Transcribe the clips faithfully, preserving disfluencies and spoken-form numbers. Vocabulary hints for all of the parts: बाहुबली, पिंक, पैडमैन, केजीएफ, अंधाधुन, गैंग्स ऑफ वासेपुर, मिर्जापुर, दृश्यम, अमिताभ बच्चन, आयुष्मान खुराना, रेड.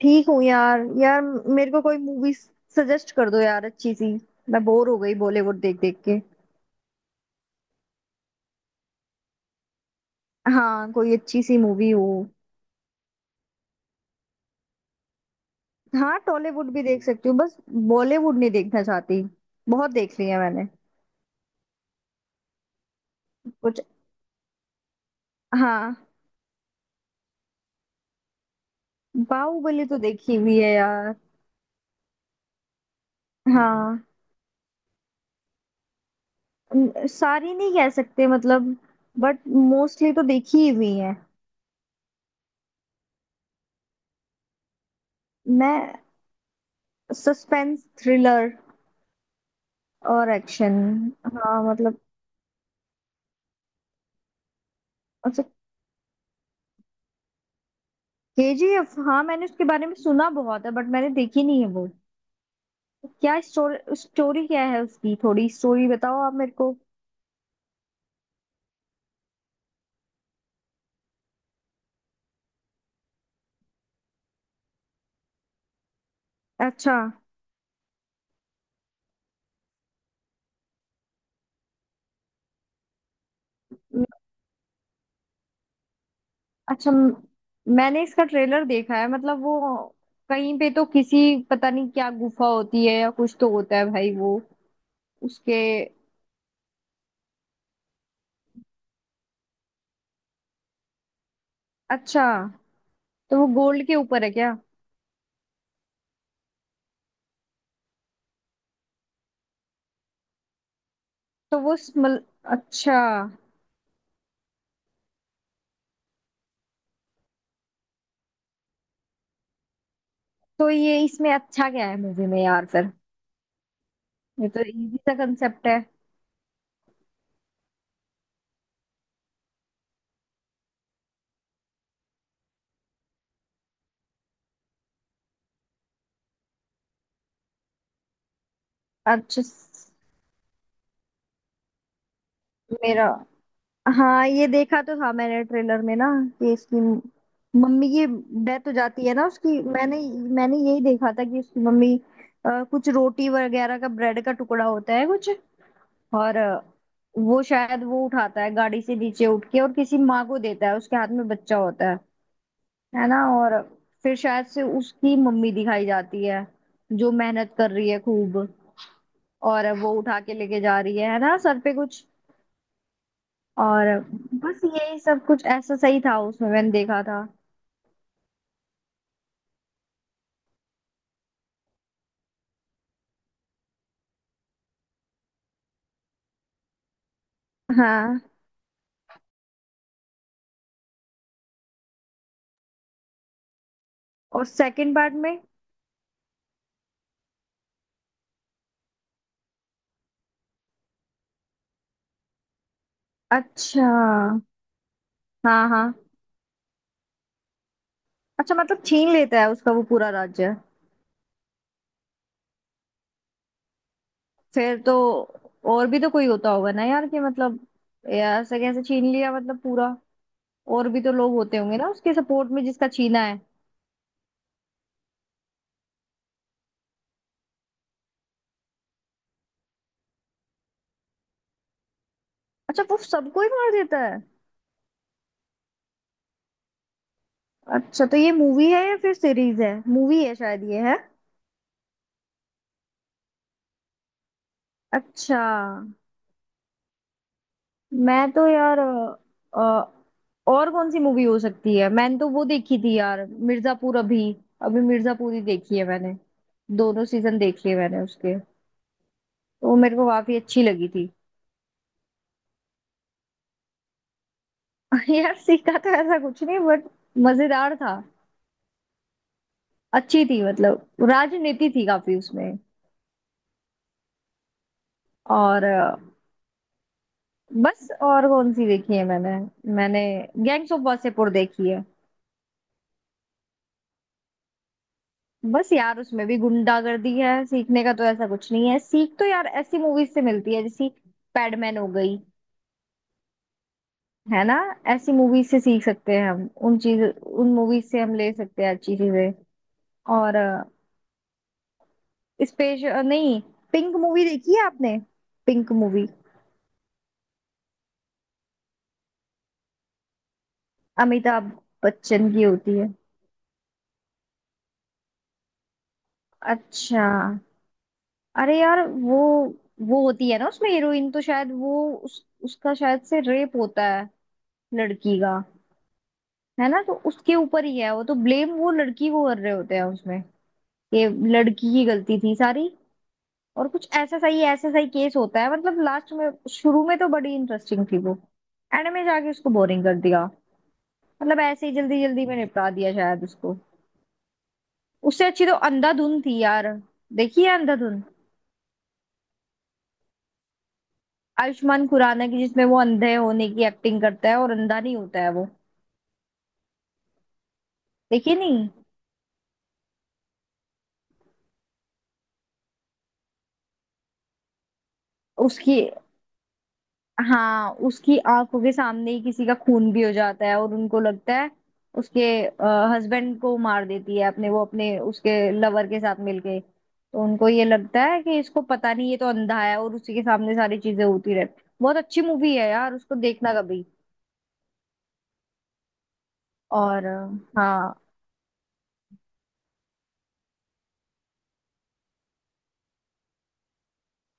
ठीक हूँ यार यार। मेरे को कोई मूवी सजेस्ट कर दो यार, अच्छी सी। मैं बोर हो गई बॉलीवुड देख देख के। हाँ, कोई अच्छी सी मूवी हो। हाँ, टॉलीवुड भी देख सकती हूँ, बस बॉलीवुड नहीं देखना चाहती, बहुत देख लिया मैंने। कुछ हाँ, बाहुबली तो देखी हुई है यार। हाँ, न- सारी नहीं कह सकते, मतलब बट मोस्टली तो देखी ही हुई है। मैं सस्पेंस, थ्रिलर और एक्शन। हाँ, मतलब अच्छा, केजीएफ, हाँ मैंने उसके बारे में सुना बहुत है, बट मैंने देखी नहीं है वो। क्या स्टोरी, स्टोरी क्या है उसकी? थोड़ी स्टोरी बताओ आप मेरे को। अच्छा म- अच्छा म- मैंने इसका ट्रेलर देखा है, मतलब वो कहीं पे तो किसी, पता नहीं क्या गुफा होती है या कुछ तो होता है भाई वो। उसके अच्छा, तो वो गोल्ड के ऊपर है क्या? तो वो स्मल अच्छा, तो ये इसमें अच्छा क्या है मूवी में यार फिर? ये तो इजी सा कंसेप्ट है। अच्छा स- मेरा, हाँ ये देखा तो था मैंने ट्रेलर में ना, कि इसकी मम्मी की डेथ हो जाती है ना उसकी। मैंने मैंने यही देखा था कि उसकी मम्मी अ, कुछ रोटी वगैरह का, ब्रेड का टुकड़ा होता है कुछ, और अ, वो शायद, वो उठाता है गाड़ी से नीचे उठ के और किसी माँ को देता है, उसके हाथ में बच्चा होता है है ना। और फिर शायद से उसकी मम्मी दिखाई जाती है जो मेहनत कर रही है खूब, और वो उठा के लेके जा रही है है ना, सर पे कुछ। और बस यही सब कुछ ऐसा सही था उसमें, मैंने देखा था। हाँ, और सेकंड पार्ट में? अच्छा। हाँ हाँ, अच्छा मतलब छीन लेता है उसका वो पूरा राज्य। फिर तो, और भी तो कोई होता होगा ना यार, कि मतलब यार ऐसे कैसे छीन लिया मतलब पूरा? और भी तो लोग होते होंगे ना उसके सपोर्ट में, जिसका छीना है। अच्छा, वो सबको ही मार देता है। अच्छा, तो ये मूवी है या फिर सीरीज है? मूवी है शायद ये है। अच्छा। मैं तो यार अ, और कौन सी मूवी हो सकती है? मैंने तो वो देखी थी यार, मिर्जापुर। अभी, अभी मिर्जापुर ही देखी है मैंने, दोनों सीजन देख लिए मैंने उसके, तो वो मेरे को काफी अच्छी लगी थी। यार सीखा तो ऐसा कुछ नहीं, बट मजेदार था, अच्छी थी। मतलब राजनीति थी काफी उसमें, और अ, बस और कौन सी देखी है मैंने? मैंने गैंग्स ऑफ वासेपुर देखी है। बस यार उसमें भी गुंडागर्दी है, सीखने का तो ऐसा कुछ नहीं है। सीख तो यार ऐसी मूवीज से मिलती है जैसी पैडमैन हो गई, है ना। ऐसी मूवीज से सीख सकते हैं हम। उन चीज उन मूवीज से हम ले सकते हैं अच्छी चीजें। और स्पेस नहीं पिंक मूवी देखी है आपने? पिंक मूवी, अमिताभ बच्चन की होती है। अच्छा, अरे यार वो वो होती है ना उसमें हीरोइन, तो शायद वो उस, उसका शायद से रेप होता है, लड़की का, है ना। तो उसके ऊपर ही है वो तो, ब्लेम वो लड़की को कर रहे होते हैं उसमें, कि लड़की की गलती थी सारी। और कुछ ऐसा सही, ऐसा सही केस होता है। मतलब लास्ट में, शुरू में तो बड़ी इंटरेस्टिंग थी वो, एंड में जाके उसको बोरिंग कर दिया। मतलब ऐसे ही जल्दी जल्दी में निपटा दिया शायद उसको। उससे अच्छी तो अंधाधुन थी यार, देखी है अंधाधुन? आयुष्मान खुराना की, जिसमें वो अंधे होने की एक्टिंग करता है और अंधा नहीं होता है वो। देखिए नहीं। उसकी हाँ, उसकी आंखों के सामने ही किसी का खून भी हो जाता है, और उनको लगता है उसके हस्बैंड को मार देती है अपने, वो अपने उसके लवर के साथ मिलके। तो उनको ये लगता है कि इसको पता नहीं, ये तो अंधा है, और उसी के सामने सारी चीजें होती रहती। बहुत अच्छी मूवी है यार, उसको देखना कभी। और अ, हाँ,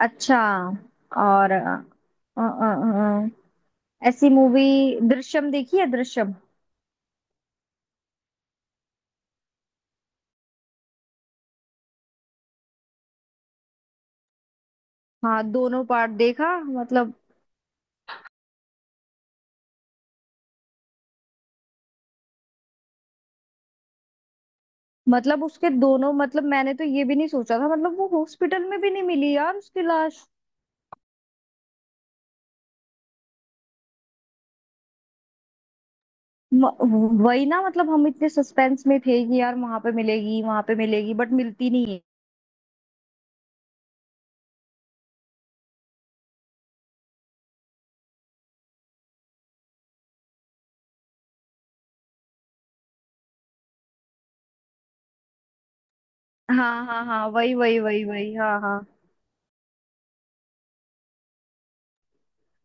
अच्छा और अ, अ, अ, अ, ऐसी मूवी, दृश्यम देखी है? दृश्यम, हाँ दोनों पार्ट देखा मतलब। मतलब उसके दोनों, मतलब मैंने तो ये भी नहीं सोचा था, मतलब वो हॉस्पिटल में भी नहीं मिली यार उसकी लाश। म- वही ना, मतलब हम इतने सस्पेंस में थे कि यार वहां पे मिलेगी वहां पे मिलेगी, बट मिलती नहीं है। हाँ हाँ हाँ, वही वही वही वही, हाँ हाँ।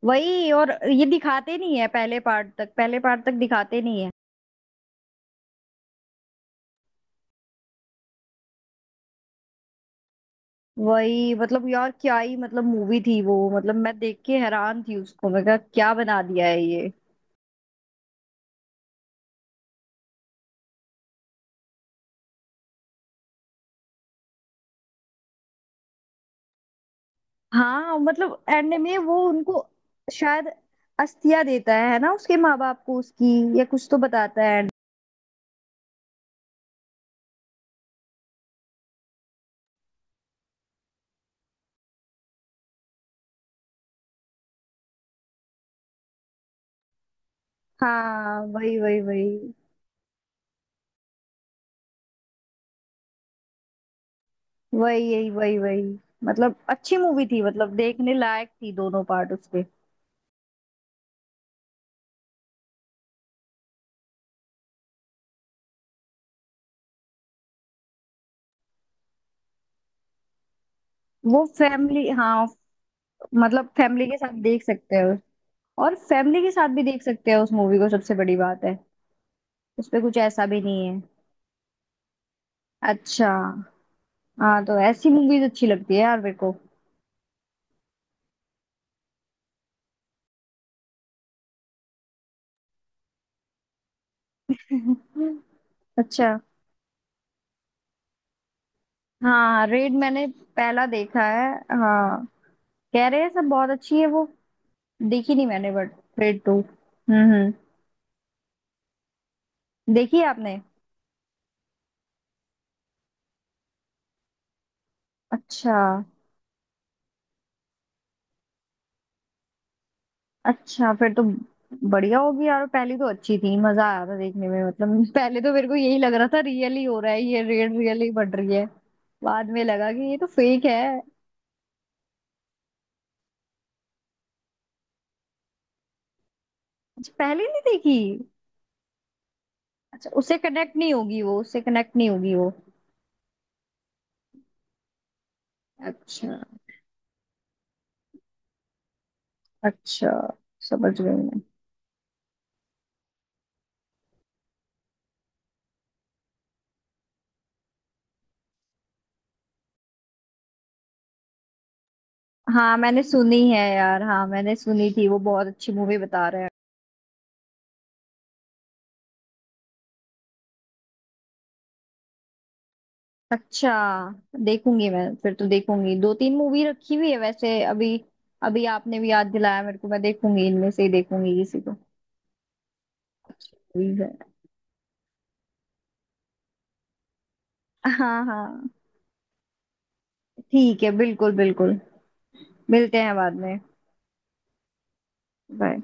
वही, और ये दिखाते नहीं है पहले पार्ट तक, पहले पार्ट तक दिखाते नहीं है। वही, मतलब यार क्या ही, मतलब मूवी थी वो। मतलब मैं देख के हैरान थी उसको, मैं कहा क्या बना दिया है ये। हाँ, मतलब एंड में वो उनको शायद अस्थिया देता है है ना, उसके माँ बाप को उसकी, या कुछ तो बताता है। हाँ वही वही वही वही, यही वही वही। मतलब अच्छी मूवी थी, मतलब देखने लायक थी दोनों पार्ट उसके। वो फैमिली, हाँ, मतलब फैमिली के साथ देख सकते हो। और फैमिली के साथ भी देख सकते हो उस मूवी को, सबसे बड़ी बात है, उस पे कुछ ऐसा भी नहीं है। अच्छा। हाँ तो ऐसी मूवीज अच्छी लगती है यार मेरे को। अच्छा, हाँ रेड मैंने पहला देखा है। हाँ, कह रहे हैं सब बहुत अच्छी है वो, देखी नहीं मैंने, बट रेड टू, हम्म हम्म, देखी है आपने? अच्छा, अच्छा फिर तो बढ़िया होगी यार। पहली तो अच्छी थी, मजा आया था देखने में मतलब। पहले तो मेरे को यही लग रहा था रियल ही हो रहा है ये, रेड रियल ही बढ़ रही है, बाद में लगा कि ये तो फेक है। अच्छा, पहले नहीं देखी। अच्छा, उससे कनेक्ट नहीं होगी वो, उससे कनेक्ट नहीं होगी वो। अच्छा, अच्छा, समझ गई मैं। हाँ मैंने सुनी है यार, हाँ मैंने सुनी थी वो, बहुत अच्छी मूवी बता रहे हैं। अच्छा, देखूंगी मैं फिर तो। देखूंगी, दो तीन मूवी रखी हुई है वैसे अभी, अभी आपने भी याद दिलाया मेरे को। मैं देखूंगी, इनमें से ही देखूंगी किसी को। अच्छी मूवीज है। हाँ हाँ, ठीक है, बिल्कुल बिल्कुल। मिलते हैं बाद में, बाय।